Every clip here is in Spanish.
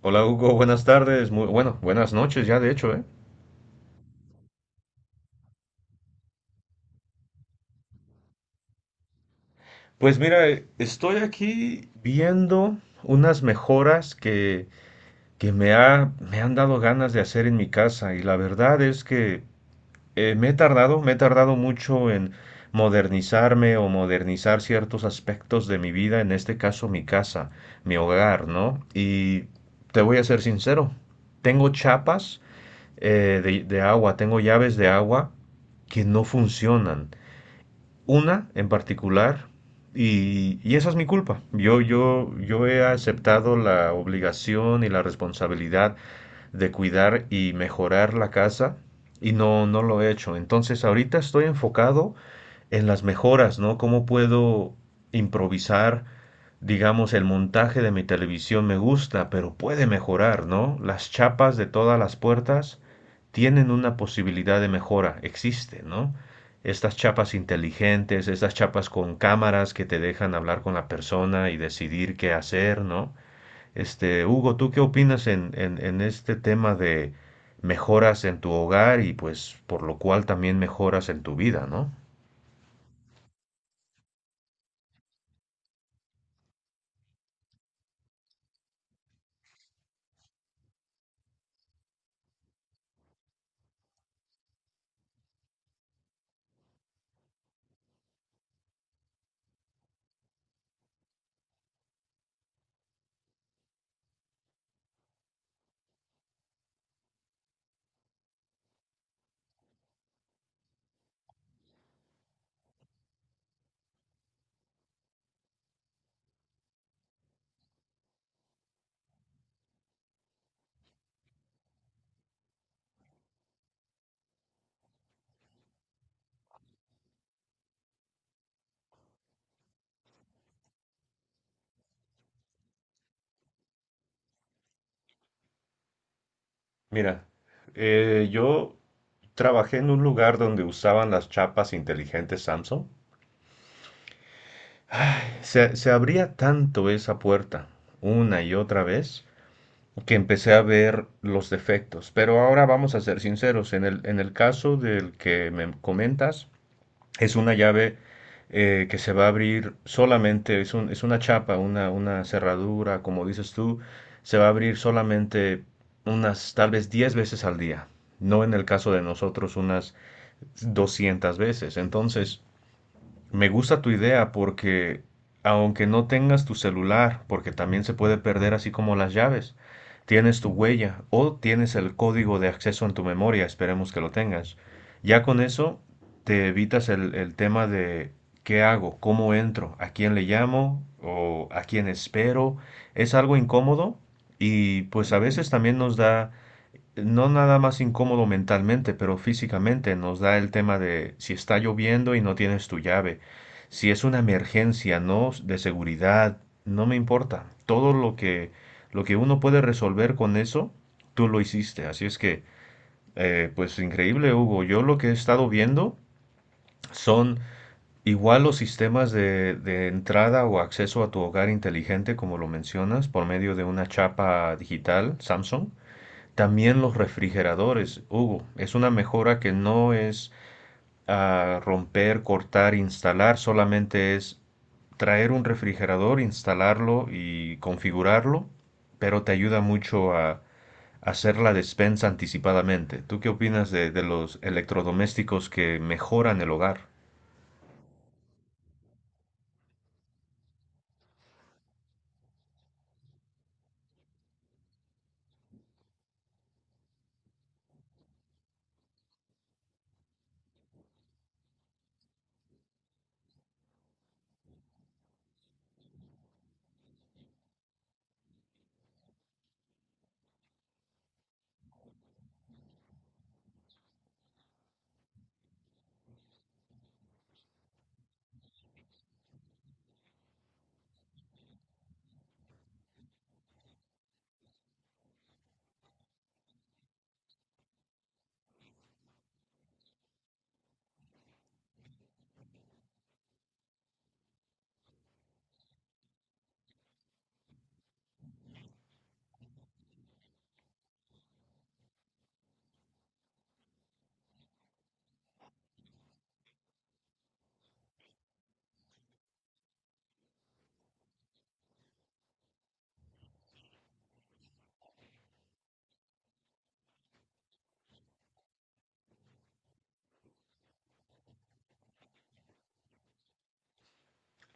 Hola Hugo, buenas tardes, buenas noches ya de hecho, ¿eh? Pues mira, estoy aquí viendo unas mejoras que me han dado ganas de hacer en mi casa y la verdad es que me he tardado mucho en modernizarme o modernizar ciertos aspectos de mi vida, en este caso mi casa, mi hogar, ¿no? Y te voy a ser sincero, tengo chapas de agua, tengo llaves de agua que no funcionan. Una en particular. Y esa es mi culpa. Yo he aceptado la obligación y la responsabilidad de cuidar y mejorar la casa y no, no lo he hecho. Entonces ahorita estoy enfocado en las mejoras, ¿no? ¿Cómo puedo improvisar? Digamos, el montaje de mi televisión me gusta, pero puede mejorar, ¿no? Las chapas de todas las puertas tienen una posibilidad de mejora, existe, ¿no? Estas chapas inteligentes, estas chapas con cámaras que te dejan hablar con la persona y decidir qué hacer, ¿no? Este, Hugo, ¿tú qué opinas en este tema de mejoras en tu hogar y pues por lo cual también mejoras en tu vida, ¿no? Mira, yo trabajé en un lugar donde usaban las chapas inteligentes Samsung. Se abría tanto esa puerta una y otra vez que empecé a ver los defectos. Pero ahora vamos a ser sinceros, en el caso del que me comentas, es una llave que se va a abrir solamente, es, es una chapa, una cerradura, como dices tú, se va a abrir solamente unas tal vez 10 veces al día, no, en el caso de nosotros, unas 200 veces. Entonces, me gusta tu idea porque aunque no tengas tu celular, porque también se puede perder así como las llaves, tienes tu huella o tienes el código de acceso en tu memoria, esperemos que lo tengas. Ya con eso te evitas el tema de qué hago, cómo entro, a quién le llamo o a quién espero. Es algo incómodo y pues a veces también nos da no nada más incómodo mentalmente, pero físicamente nos da el tema de si está lloviendo y no tienes tu llave, si es una emergencia, ¿no? De seguridad, no me importa. Lo que uno puede resolver con eso, tú lo hiciste. Así es que, pues increíble, Hugo. Yo lo que he estado viendo son igual los sistemas de entrada o acceso a tu hogar inteligente, como lo mencionas, por medio de una chapa digital, Samsung. También los refrigeradores, Hugo, es una mejora que no es ah, romper, cortar, instalar, solamente es traer un refrigerador, instalarlo y configurarlo, pero te ayuda mucho a hacer la despensa anticipadamente. ¿Tú qué opinas de los electrodomésticos que mejoran el hogar?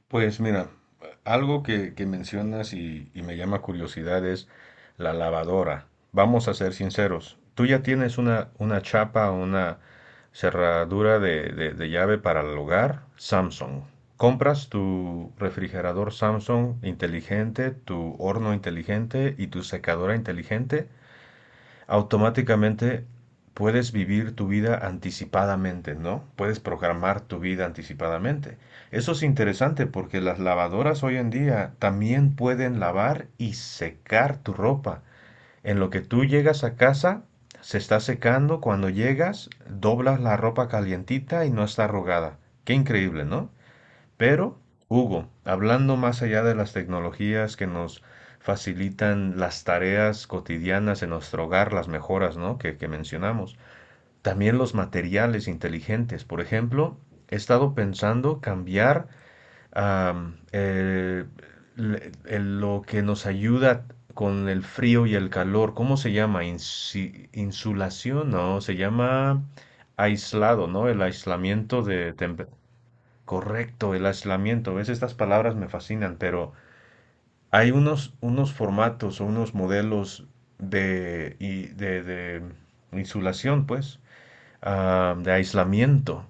Pues mira, algo que mencionas y me llama curiosidad es la lavadora. Vamos a ser sinceros, tú ya tienes una chapa, una cerradura de llave para el hogar Samsung. Compras tu refrigerador Samsung inteligente, tu horno inteligente y tu secadora inteligente automáticamente puedes vivir tu vida anticipadamente, ¿no? Puedes programar tu vida anticipadamente. Eso es interesante porque las lavadoras hoy en día también pueden lavar y secar tu ropa. En lo que tú llegas a casa, se está secando. Cuando llegas, doblas la ropa calientita y no está arrugada. Qué increíble, ¿no? Pero, Hugo, hablando más allá de las tecnologías que nos facilitan las tareas cotidianas en nuestro hogar, las mejoras, ¿no? que mencionamos, también los materiales inteligentes. Por ejemplo, he estado pensando cambiar am, eh, lo que nos ayuda con el frío y el calor. ¿Cómo se llama? Insulación, ¿no? Se llama aislado, ¿no? El aislamiento de, correcto, el aislamiento. ¿Ves? Estas palabras me fascinan, pero hay unos formatos o unos modelos de insulación, pues, ah, de aislamiento,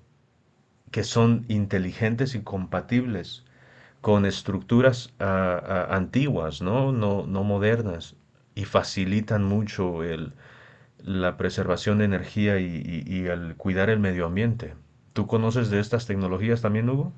que son inteligentes y compatibles con estructuras antiguas, ¿no? No, no modernas, y facilitan mucho la preservación de energía y el cuidar el medio ambiente. ¿Tú conoces de estas tecnologías también, Hugo?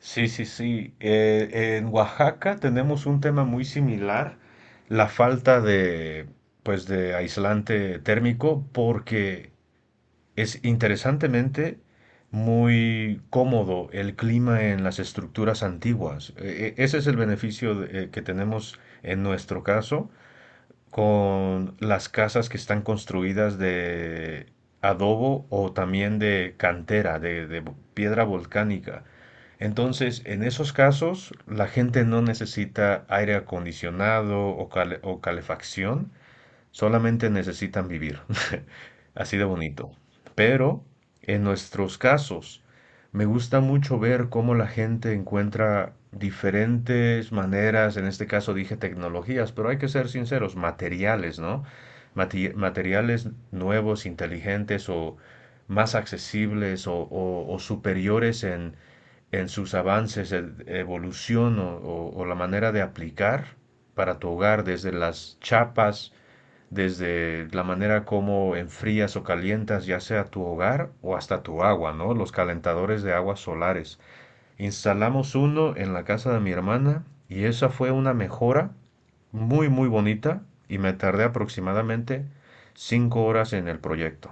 Sí, sí, sí. En Oaxaca tenemos un tema muy similar, la falta de, pues, de aislante térmico, porque es interesantemente muy cómodo el clima en las estructuras antiguas. Ese es el beneficio que tenemos en nuestro caso con las casas que están construidas de adobo o también de cantera, de piedra volcánica. Entonces, en esos casos, la gente no necesita aire acondicionado o, o calefacción, solamente necesitan vivir, así de bonito. Pero en nuestros casos, me gusta mucho ver cómo la gente encuentra diferentes maneras, en este caso dije tecnologías, pero hay que ser sinceros, materiales, ¿no? Materiales nuevos, inteligentes o más accesibles o superiores en sus avances, evolución o la manera de aplicar para tu hogar, desde las chapas, desde la manera como enfrías o calientas ya sea tu hogar o hasta tu agua, ¿no? Los calentadores de aguas solares. Instalamos uno en la casa de mi hermana y esa fue una mejora muy, muy bonita y me tardé aproximadamente 5 horas en el proyecto.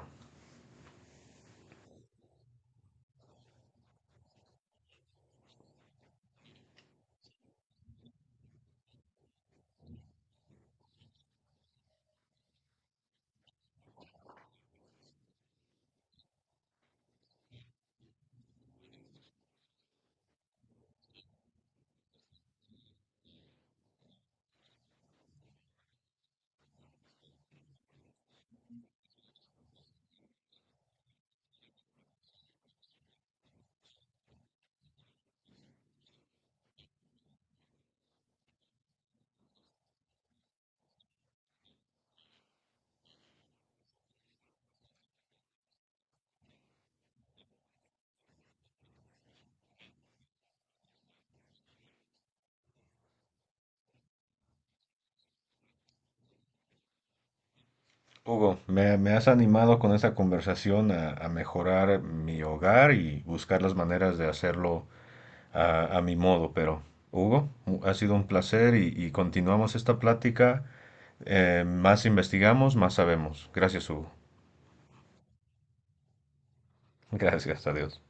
Hugo, me has animado con esta conversación a mejorar mi hogar y buscar las maneras de hacerlo a mi modo, pero Hugo, ha sido un placer y continuamos esta plática. Más investigamos, más sabemos. Gracias, Hugo. Gracias a Dios.